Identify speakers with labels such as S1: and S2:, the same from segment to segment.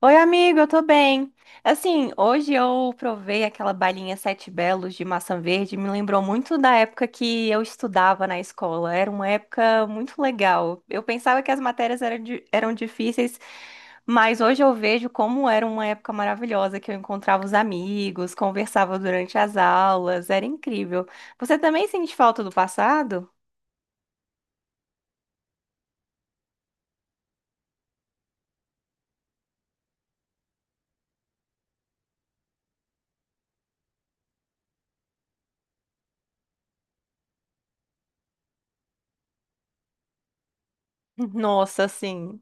S1: Oi, amigo, eu tô bem. Assim, hoje eu provei aquela balinha Sete Belos de maçã verde, me lembrou muito da época que eu estudava na escola. Era uma época muito legal. Eu pensava que as matérias eram, eram difíceis, mas hoje eu vejo como era uma época maravilhosa, que eu encontrava os amigos, conversava durante as aulas, era incrível. Você também sente falta do passado? Nossa, sim.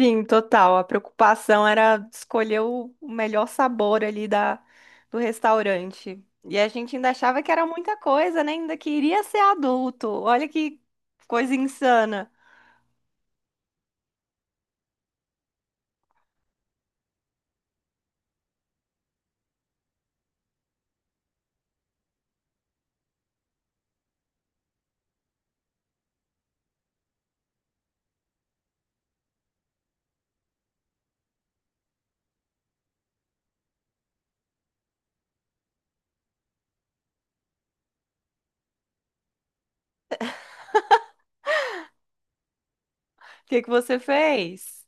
S1: Sim, total. A preocupação era escolher o melhor sabor ali da, do restaurante. E a gente ainda achava que era muita coisa, né? Ainda queria ser adulto. Olha que coisa insana. O que que você fez?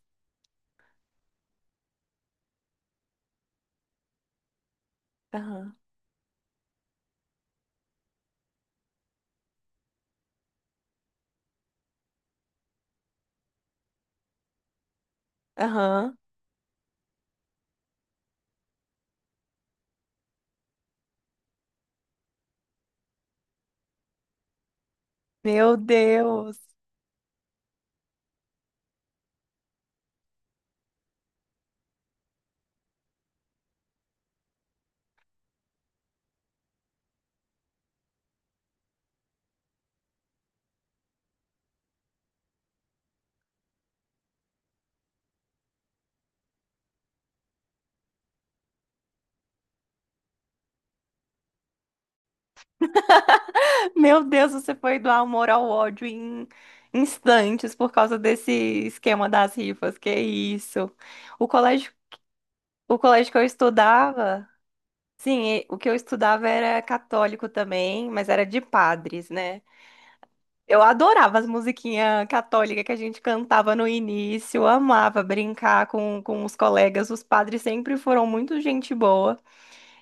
S1: Aham. Aham. Meu Deus. Meu Deus, você foi do amor ao ódio em instantes por causa desse esquema das rifas. Que isso? O colégio, o colégio que eu estudava. Sim, e o que eu estudava era católico também, mas era de padres, né? Eu adorava as musiquinhas católicas que a gente cantava no início, eu amava brincar com os colegas. Os padres sempre foram muito gente boa.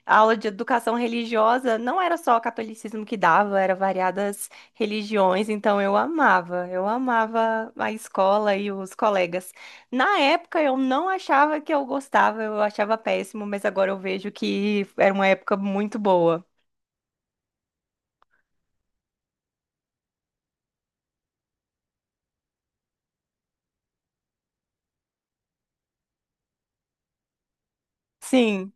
S1: A aula de educação religiosa não era só o catolicismo que dava, era variadas religiões, então eu amava a escola e os colegas. Na época eu não achava que eu gostava, eu achava péssimo, mas agora eu vejo que era uma época muito boa. Sim.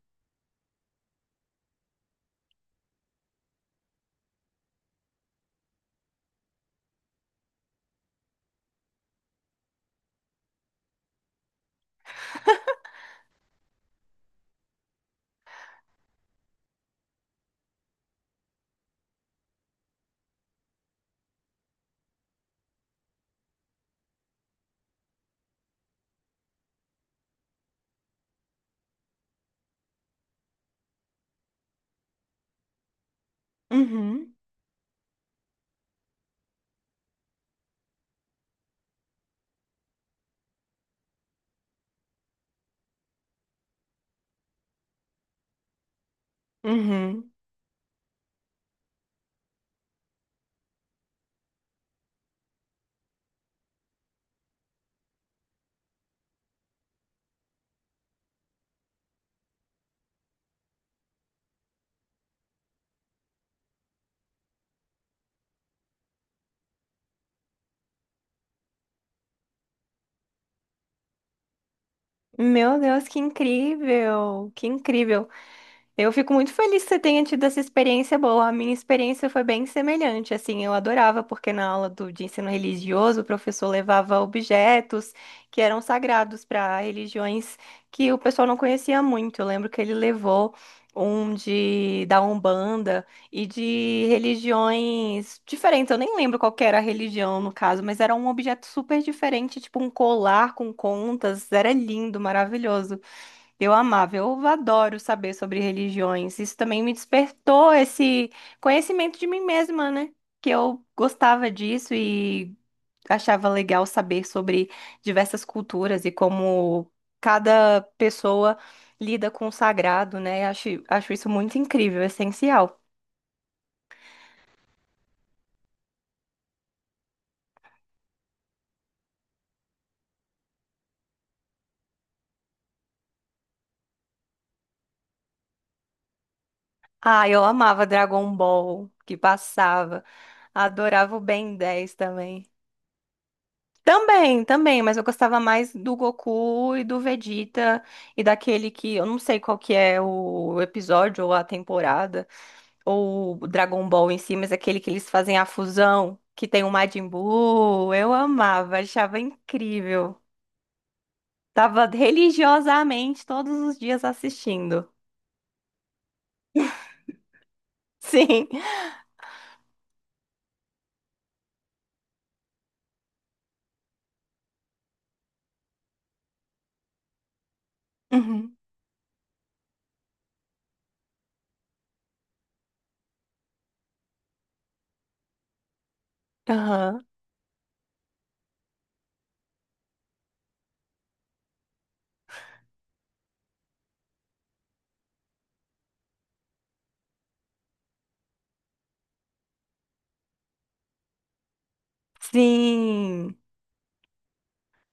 S1: Uhum, uhum. Meu Deus, que incrível, que incrível. Eu fico muito feliz que você tenha tido essa experiência boa. A minha experiência foi bem semelhante, assim, eu adorava porque na aula do, de ensino religioso o professor levava objetos que eram sagrados para religiões que o pessoal não conhecia muito. Eu lembro que ele levou um de da Umbanda e de religiões diferentes. Eu nem lembro qual que era a religião no caso, mas era um objeto super diferente, tipo um colar com contas. Era lindo, maravilhoso. Eu amava, eu adoro saber sobre religiões. Isso também me despertou esse conhecimento de mim mesma, né? Que eu gostava disso e achava legal saber sobre diversas culturas e como cada pessoa lida com o sagrado, né? Acho, acho isso muito incrível, essencial. Ah, eu amava Dragon Ball, que passava. Adorava o Ben 10 também. Também, também, mas eu gostava mais do Goku e do Vegeta e daquele que eu não sei qual que é o episódio ou a temporada ou o Dragon Ball em si, mas aquele que eles fazem a fusão que tem o Majin Buu, eu amava, achava incrível. Tava religiosamente todos os dias assistindo. Sim. Uhum. Aham. Sim.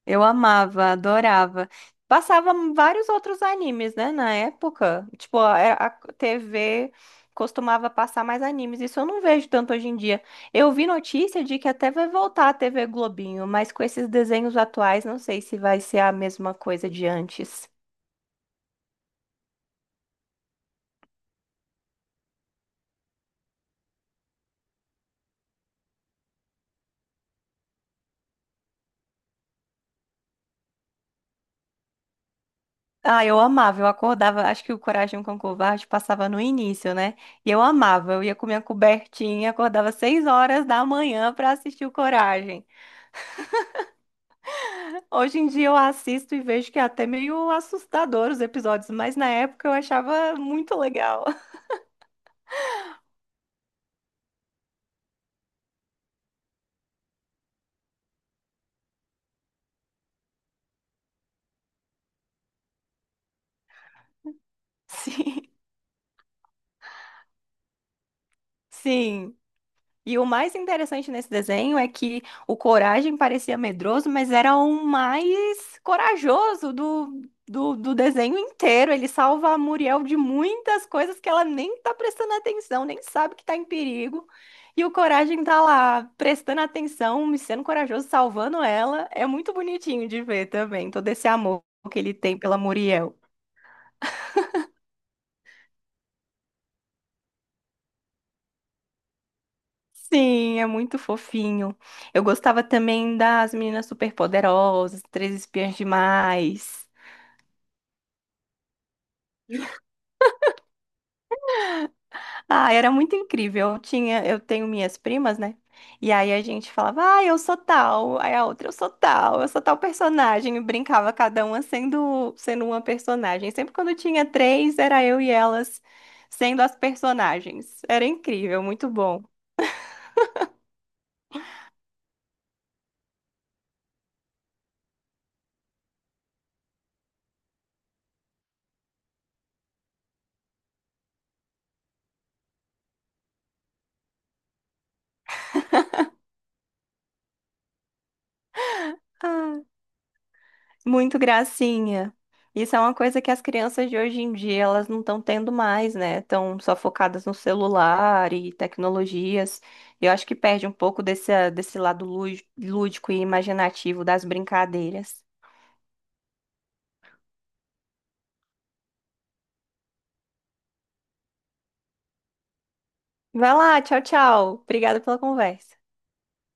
S1: Eu amava, adorava. Passava vários outros animes, né, na época. Tipo, a, é, a TV costumava passar mais animes. Isso eu não vejo tanto hoje em dia. Eu vi notícia de que até vai voltar a TV Globinho, mas com esses desenhos atuais, não sei se vai ser a mesma coisa de antes. Ah, eu amava, eu acordava, acho que o Coragem com o Covarde passava no início, né? E eu amava, eu ia com minha cobertinha, acordava 6 horas da manhã pra assistir o Coragem. Hoje em dia eu assisto e vejo que é até meio assustador os episódios, mas na época eu achava muito legal. Sim, sim. E o mais interessante nesse desenho é que o Coragem parecia medroso, mas era o mais corajoso do, do desenho inteiro. Ele salva a Muriel de muitas coisas que ela nem tá prestando atenção, nem sabe que tá em perigo. E o Coragem tá lá prestando atenção, sendo corajoso, salvando ela. É muito bonitinho de ver também, todo esse amor que ele tem pela Muriel. Sim, é muito fofinho. Eu gostava também das Meninas Superpoderosas, Três Espiãs Demais. Ah, era muito incrível. Eu tinha, eu tenho minhas primas, né? E aí a gente falava, ah, eu sou tal, aí a outra eu sou tal personagem, e brincava cada uma sendo uma personagem. Sempre quando tinha três, era eu e elas sendo as personagens. Era incrível, muito bom. Ah, muito gracinha. Isso é uma coisa que as crianças de hoje em dia elas não estão tendo mais, né? Estão só focadas no celular e tecnologias. Eu acho que perde um pouco desse, desse lado lúdico e imaginativo das brincadeiras. Vai lá, tchau, tchau. Obrigada pela conversa.